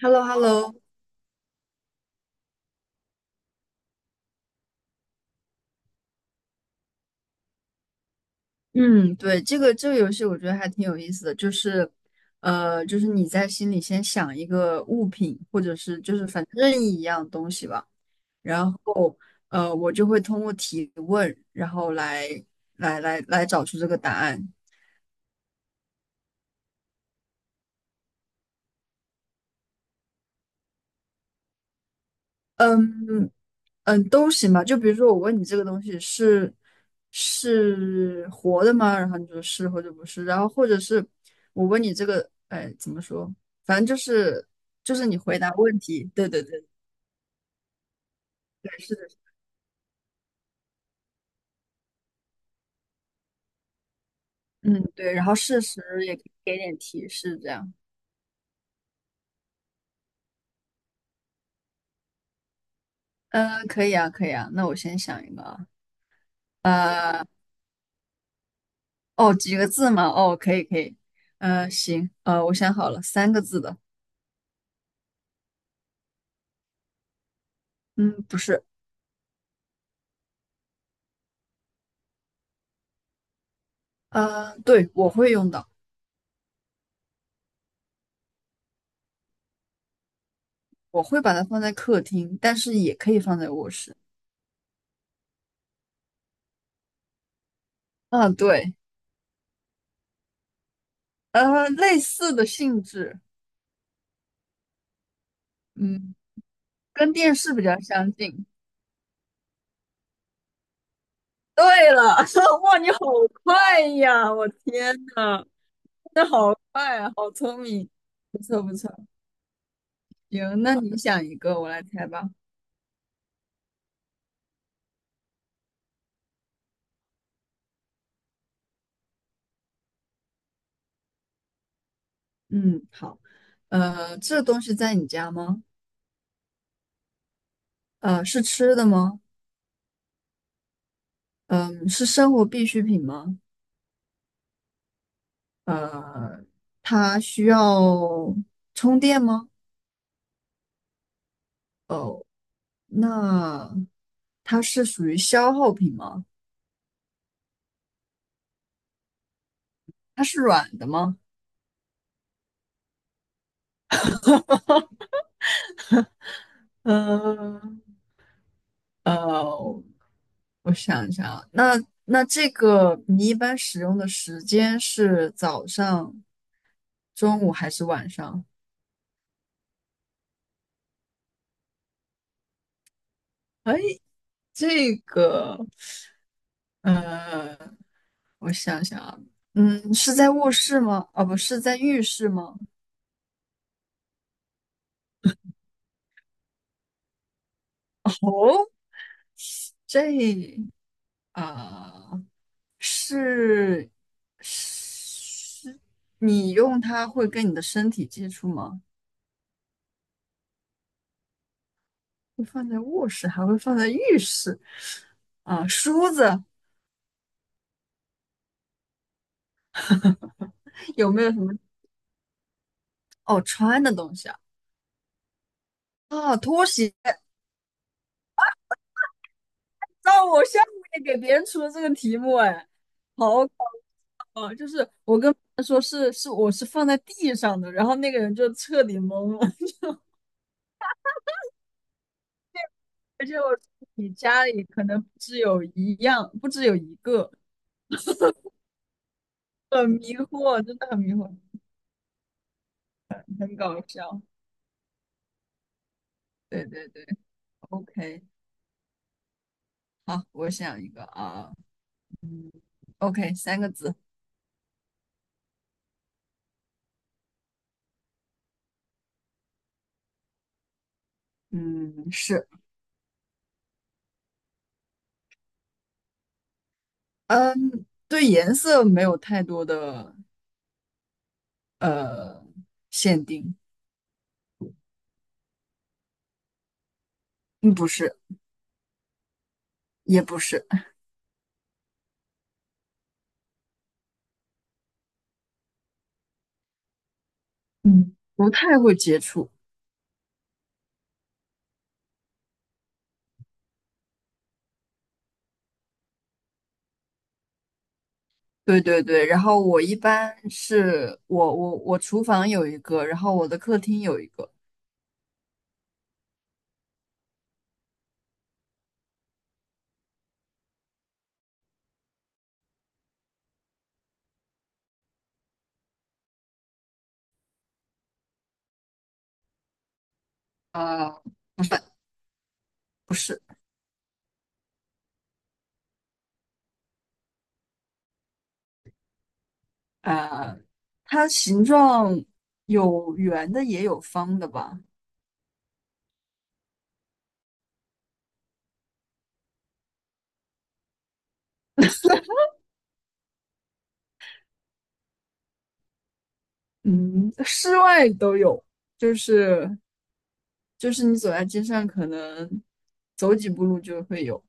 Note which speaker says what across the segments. Speaker 1: hello hello。 嗯，对，这个游戏我觉得还挺有意思的，就是你在心里先想一个物品，或者是就是反正任意一样东西吧，然后我就会通过提问，然后来找出这个答案。嗯，嗯，都行吧。就比如说，我问你这个东西是活的吗？然后你说是或者不是，然后或者是我问你这个，哎，怎么说？反正就是你回答问题，对对对对，是的，嗯，对。然后事实也可以给点提示，这样。嗯，可以啊，可以啊。那我先想一个啊，呃，哦，几个字嘛？哦，可以可以。行，我想好了，三个字的。嗯，不是，对，我会用到。我会把它放在客厅，但是也可以放在卧室。啊，对，类似的性质，嗯，跟电视比较相近。对了，哇，你好快呀！我天呐，那好快啊，好聪明，不错不错。行，那你想一个，我来猜吧。嗯，好。这东西在你家吗？是吃的吗？嗯，是生活必需品吗？呃，它需要充电吗？哦，那它是属于消耗品吗？它是软的吗？嗯呃，我想一下啊，那这个你一般使用的时间是早上、中午还是晚上？哎，这个呃我想想啊，嗯，是在卧室吗？哦，不是在浴室吗？哦，这啊。是是，你用它会跟你的身体接触吗？会放在卧室，还会放在浴室啊？梳子有没有什么？哦，穿的东西啊？啊，拖鞋。让我下面给别人出的这个题目，哎，好搞笑啊！就是我跟他说是我是放在地上的，然后那个人就彻底懵了，而且我说你家里可能不只有一样，不只有一个，很迷惑，真的很迷惑。很搞笑。对对对，OK，好，我想一个啊，OK，三个字，嗯，是，嗯，对颜色没有太多的呃限定，嗯，不是，也不是，嗯，不太会接触。对对对，然后我一般是我厨房有一个，然后我的客厅有一个，呃，不是，呃，它形状有圆的也有方的吧，嗯，室外都有，就是就是你走在街上，可能走几步路就会有。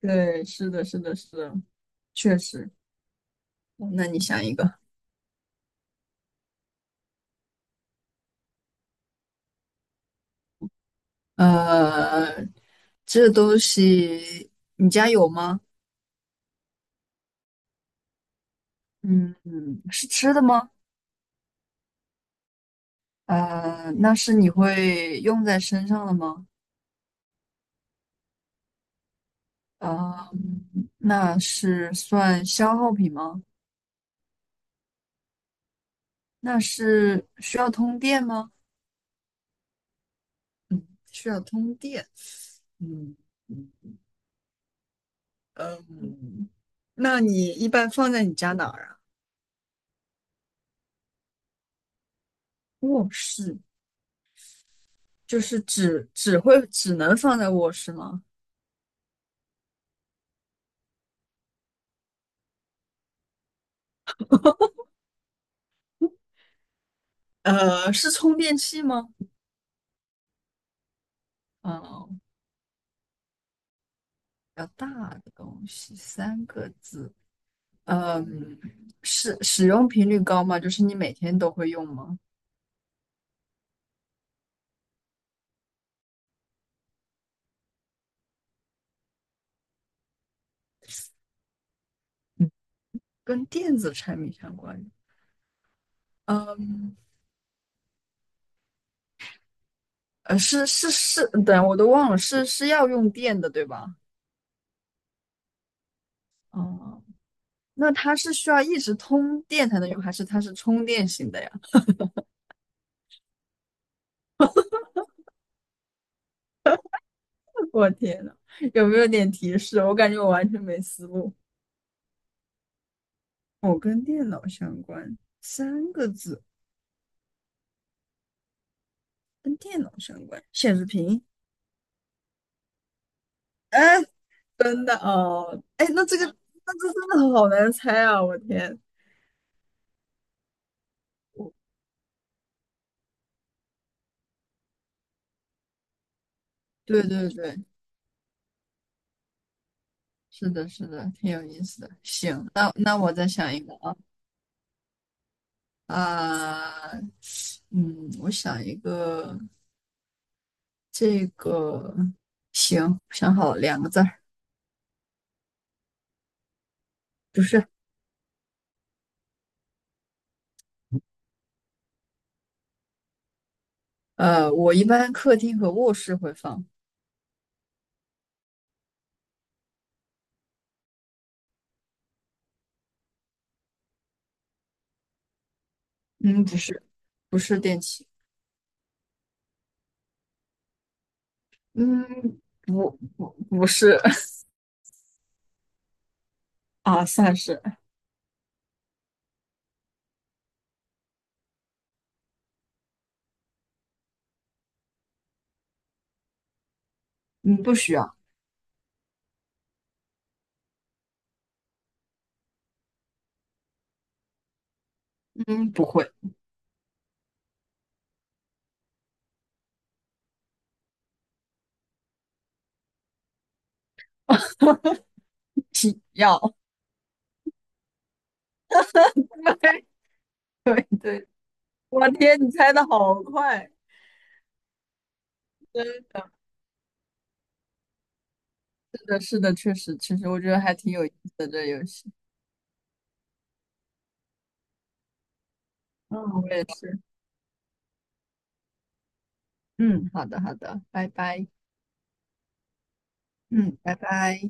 Speaker 1: 对，是的，是的，是的，确实。哦那你想一个，呃，这东西你家有吗？嗯嗯，是吃的吗？那是你会用在身上的吗？呃，那是算消耗品吗？那是需要通电吗？嗯，需要通电。嗯。嗯嗯，那你一般放在你家哪儿啊？卧室就是只能放在卧室吗？是充电器吗？嗯，比较大的东西，三个字。嗯，是使用频率高吗？就是你每天都会用吗？嗯，跟电子产品相关。嗯，是是是，等我都忘了，是要用电的，对吧？哦，那它是需要一直通电才能用，还是它是充电型的呀？我天呐，有没有点提示？我感觉我完全没思路。哦，跟电脑相关，三个字，跟电脑相关，显示屏。哎，真的哦，哎，那这个 那这真的好难猜啊！我天，我对对对，是的，是的，挺有意思的。行，那我再想一个啊，啊，嗯，我想一个，这个行，想好了两个字儿，不是，我一般客厅和卧室会放。嗯，不是，不是电器，嗯，不是 啊，算是，嗯，不需要，嗯，不会，需要，对，我天，你猜的好快，真是的，是的，确实，其实我觉得还挺有意思的这游戏，嗯，我也是，嗯，好的，好的，拜拜，嗯，拜拜。